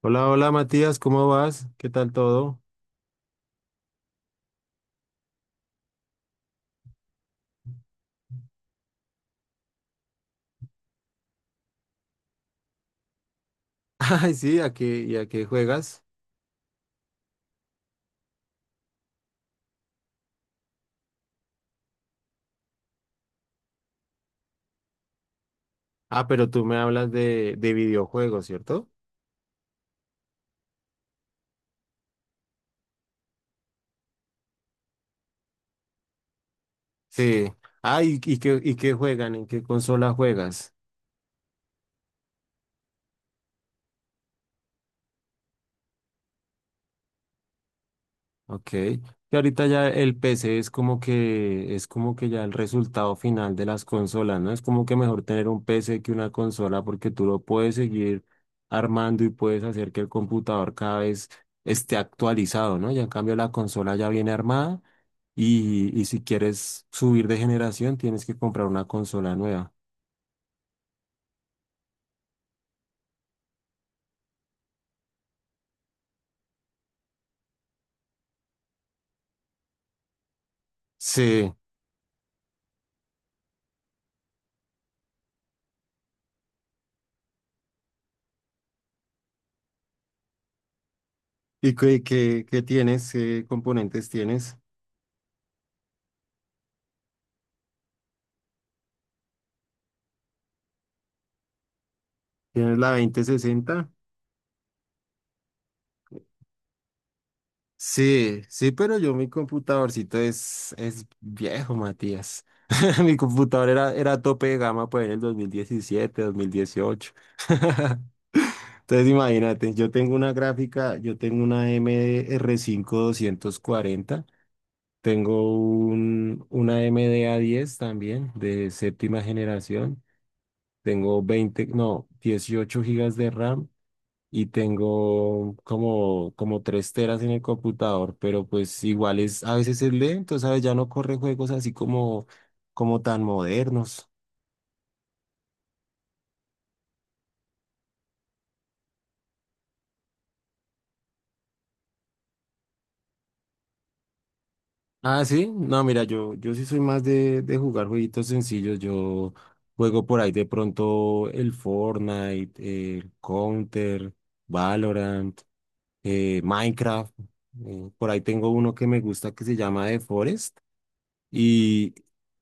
Hola, hola Matías, ¿cómo vas? ¿Qué tal todo? Ay, sí, ¿y a qué juegas? Ah, pero tú me hablas de videojuegos, ¿cierto? Sí. Ah, ¿y qué juegan? ¿En qué consola juegas? Ok. Que ahorita ya el PC es como que ya el resultado final de las consolas, ¿no? Es como que mejor tener un PC que una consola porque tú lo puedes seguir armando y puedes hacer que el computador cada vez esté actualizado, ¿no? Ya en cambio la consola ya viene armada y si quieres subir de generación tienes que comprar una consola nueva. Sí. ¿Y qué tienes? ¿Qué componentes tienes? ¿Tienes la 2060? Sí, sí, pero yo mi computadorcito es viejo, Matías. Mi computador era tope de gama pues en el 2017, 2018. Entonces imagínate, yo tengo una gráfica, yo tengo una AMD r cinco doscientos cuarenta, tengo una A M D a diez también de séptima generación, tengo 20, no, 18 gigas de RAM y tengo como 3 teras en el computador, pero pues igual es, a veces es lento, ¿sabes? Ya no corre juegos así como tan modernos. Ah, sí, no, mira, yo sí soy más de jugar jueguitos sencillos, yo juego por ahí de pronto el Fortnite, el Counter, Valorant, Minecraft, por ahí tengo uno que me gusta que se llama The Forest. Y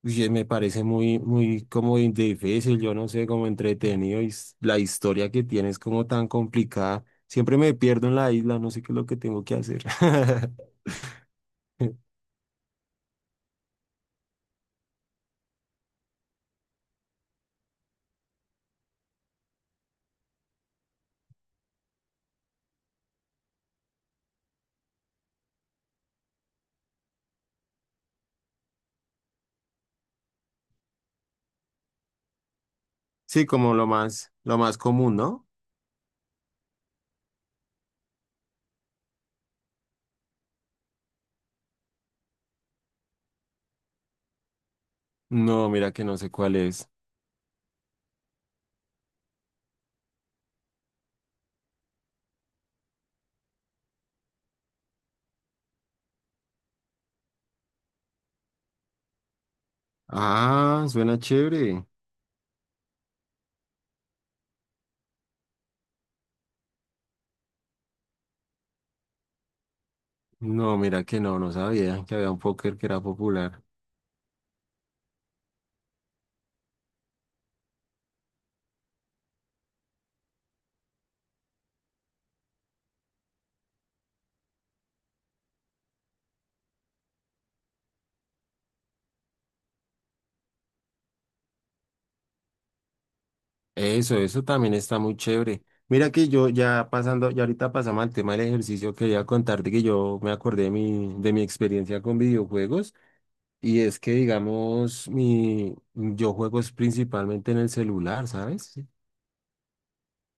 oye, me parece muy, muy como difícil, yo no sé, como entretenido y la historia que tiene es como tan complicada. Siempre me pierdo en la isla, no sé qué es lo que tengo que hacer. Sí, como lo más común, ¿no? No, mira que no sé cuál es. Ah, suena chévere. No, mira que no sabía que había un póker que era popular. Eso también está muy chévere. Mira que yo ya pasando, ya ahorita pasamos al tema del ejercicio, quería contarte que yo me acordé de mi experiencia con videojuegos y es que, digamos, yo juego es principalmente en el celular, ¿sabes? Sí.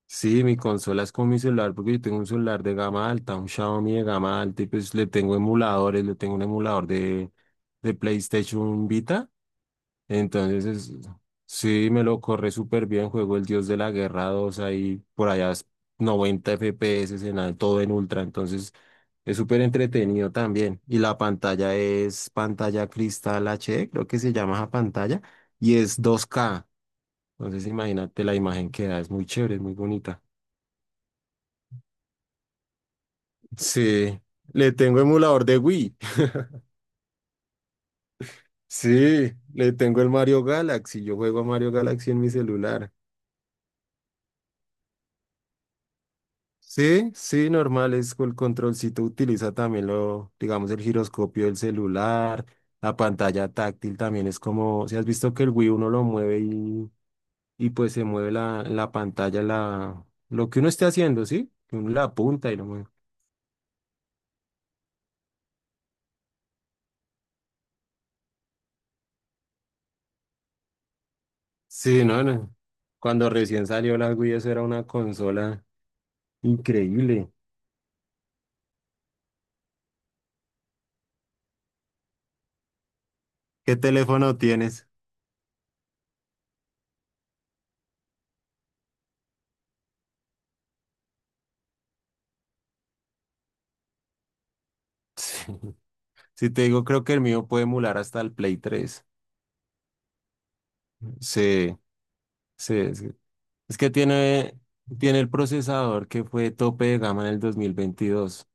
Sí, mi consola es con mi celular porque yo tengo un celular de gama alta, un Xiaomi de gama alta y pues le tengo emuladores, le tengo un emulador de PlayStation Vita. Entonces, es- sí, me lo corre súper bien. Juego el Dios de la Guerra 2 ahí, por allá es 90 FPS todo en ultra. Entonces, es súper entretenido también. Y la pantalla es pantalla cristal HD, creo que se llama esa pantalla, y es 2K. Entonces, imagínate la imagen que da, es muy chévere, es muy bonita. Sí, le tengo emulador de Wii. Sí, le tengo el Mario Galaxy. Yo juego a Mario Galaxy en mi celular. Sí, sí, normal, es el controlcito utiliza también lo, digamos, el giroscopio del celular, la pantalla táctil también es como, si has visto que el Wii uno lo mueve y pues se mueve la pantalla, lo que uno esté haciendo, ¿sí? Que uno la apunta y lo mueve. Sí, no, no. Cuando recién salió la Wii, eso era una consola increíble. ¿Qué teléfono tienes? Si te digo, creo que el mío puede emular hasta el Play 3. Sí, sí, sí. Es que tiene el procesador que fue tope de gama en el 2022.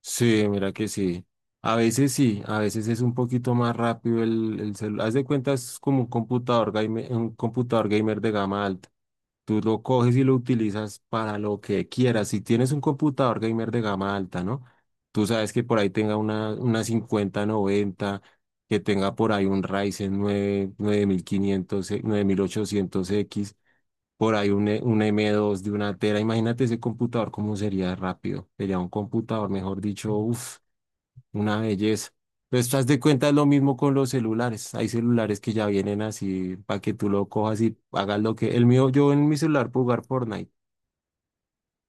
Sí, mira que sí. A veces sí, a veces es un poquito más rápido el celular. Haz de cuenta, es como un computador gamer de gama alta. Tú lo coges y lo utilizas para lo que quieras. Si tienes un computador gamer de gama alta, ¿no? Tú sabes que por ahí tenga una 5090, que tenga por ahí un Ryzen nueve nueve mil quinientos nueve mil ochocientos x, por ahí un M2 de 1 tera. Imagínate ese computador cómo sería rápido. Sería un computador, mejor dicho, uff, una belleza. Pero estás de cuenta es lo mismo con los celulares. Hay celulares que ya vienen así para que tú lo cojas y hagas lo que... El mío, yo en mi celular puedo jugar Fortnite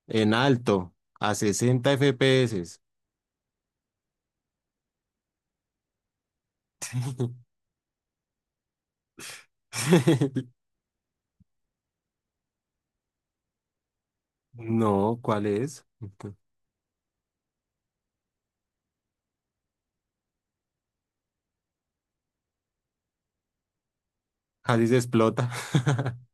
en alto, a 60 FPS. No, ¿cuál es? Casi se explota.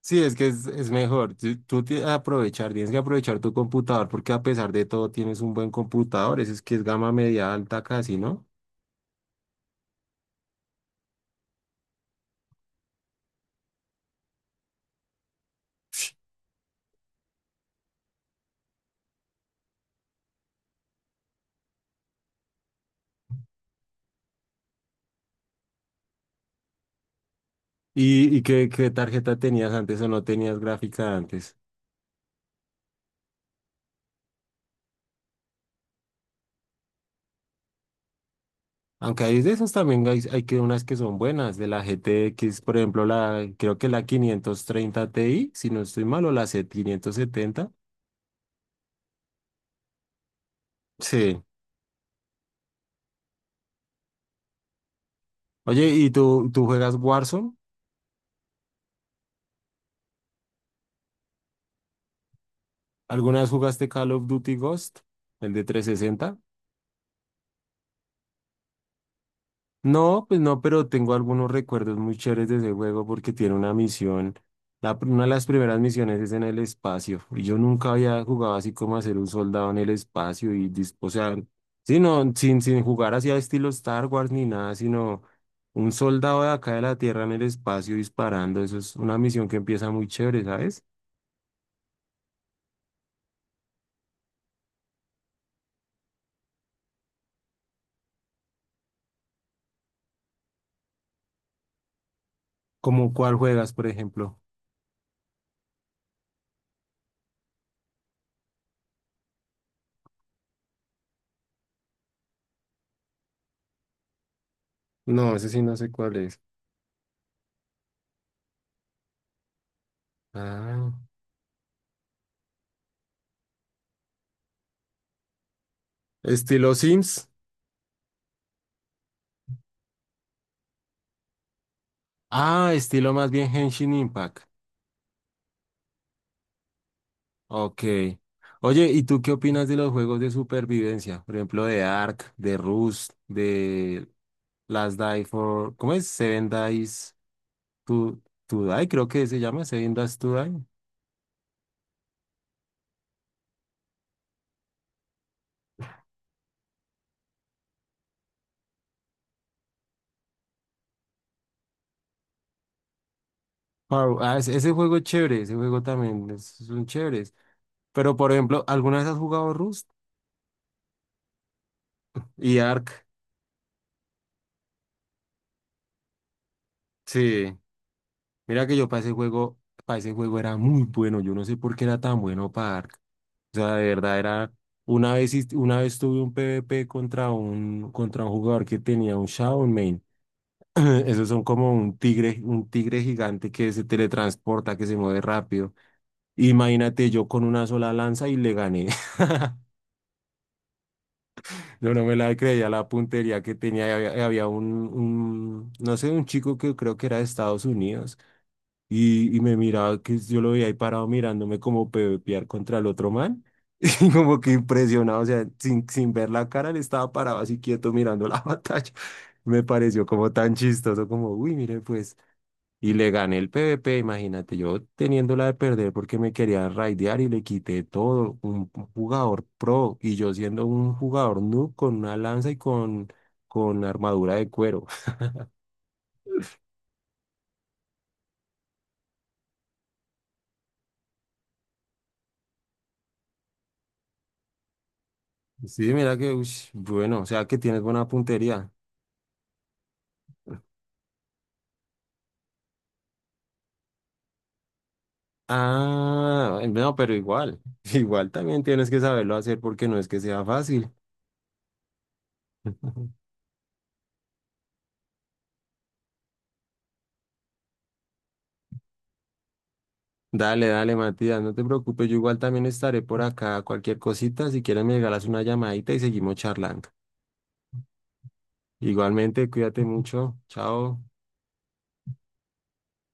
Sí, es que es mejor. Tú tienes que aprovechar tu computador porque a pesar de todo tienes un buen computador. Ese es que es gama media alta casi, ¿no? ¿Y qué tarjeta tenías antes o no tenías gráfica antes? Aunque hay de esas también hay que unas que son buenas, de la G T X, por ejemplo, creo que la 530 Ti, si no estoy mal, o la C 570. Sí. Oye, ¿y tú juegas Warzone? ¿Alguna vez jugaste Call of Duty Ghost, el de 360? No, pues no, pero tengo algunos recuerdos muy chéveres de ese juego porque tiene una misión. Una de las primeras misiones es en el espacio. Y yo nunca había jugado así como a ser un soldado en el espacio o sea, sí, no, sin jugar así a estilo Star Wars ni nada, sino un soldado de acá de la Tierra en el espacio disparando. Eso es una misión que empieza muy chévere, ¿sabes? Como cuál juegas, por ejemplo. No, ese sí no sé cuál es. Ah, estilo Sims. Ah, estilo más bien Henshin Impact. Ok. Oye, ¿y tú qué opinas de los juegos de supervivencia? Por ejemplo, de Ark, de Rust, de Last Die for... ¿Cómo es? Seven Dies to, to Die, creo que se llama Seven Dies to Die. Ah, ese juego es chévere, ese juego también es, son chéveres. Pero, por ejemplo, ¿alguna vez has jugado Rust y Ark? Sí. Mira que yo para ese juego era muy bueno. Yo no sé por qué era tan bueno para Ark. O sea, de verdad era, una vez, una vez tuve un PvP contra un jugador que tenía un Shadow Main. Esos son como un tigre gigante que se teletransporta, que se mueve rápido. Imagínate yo con una sola lanza y le gané. No, no me la creía la puntería que tenía. Y había un, no sé, un chico que creo que era de Estados Unidos. Y me miraba, que yo lo veía ahí parado mirándome como pepear contra el otro man. Y como que impresionado, o sea, sin ver la cara, él estaba parado así quieto mirando la batalla. Me pareció como tan chistoso, como, uy, mire, pues. Y le gané el PvP, imagínate, yo teniéndola de perder porque me quería raidear y le quité todo. Un jugador pro y yo siendo un jugador noob con una lanza y con armadura de cuero. Sí, mira que, uy, bueno, o sea que tienes buena puntería. Ah, no, pero igual, igual también tienes que saberlo hacer porque no es que sea fácil. Dale, dale, Matías, no te preocupes, yo igual también estaré por acá. Cualquier cosita, si quieres me regalas una llamadita y seguimos charlando. Igualmente, cuídate mucho. Chao.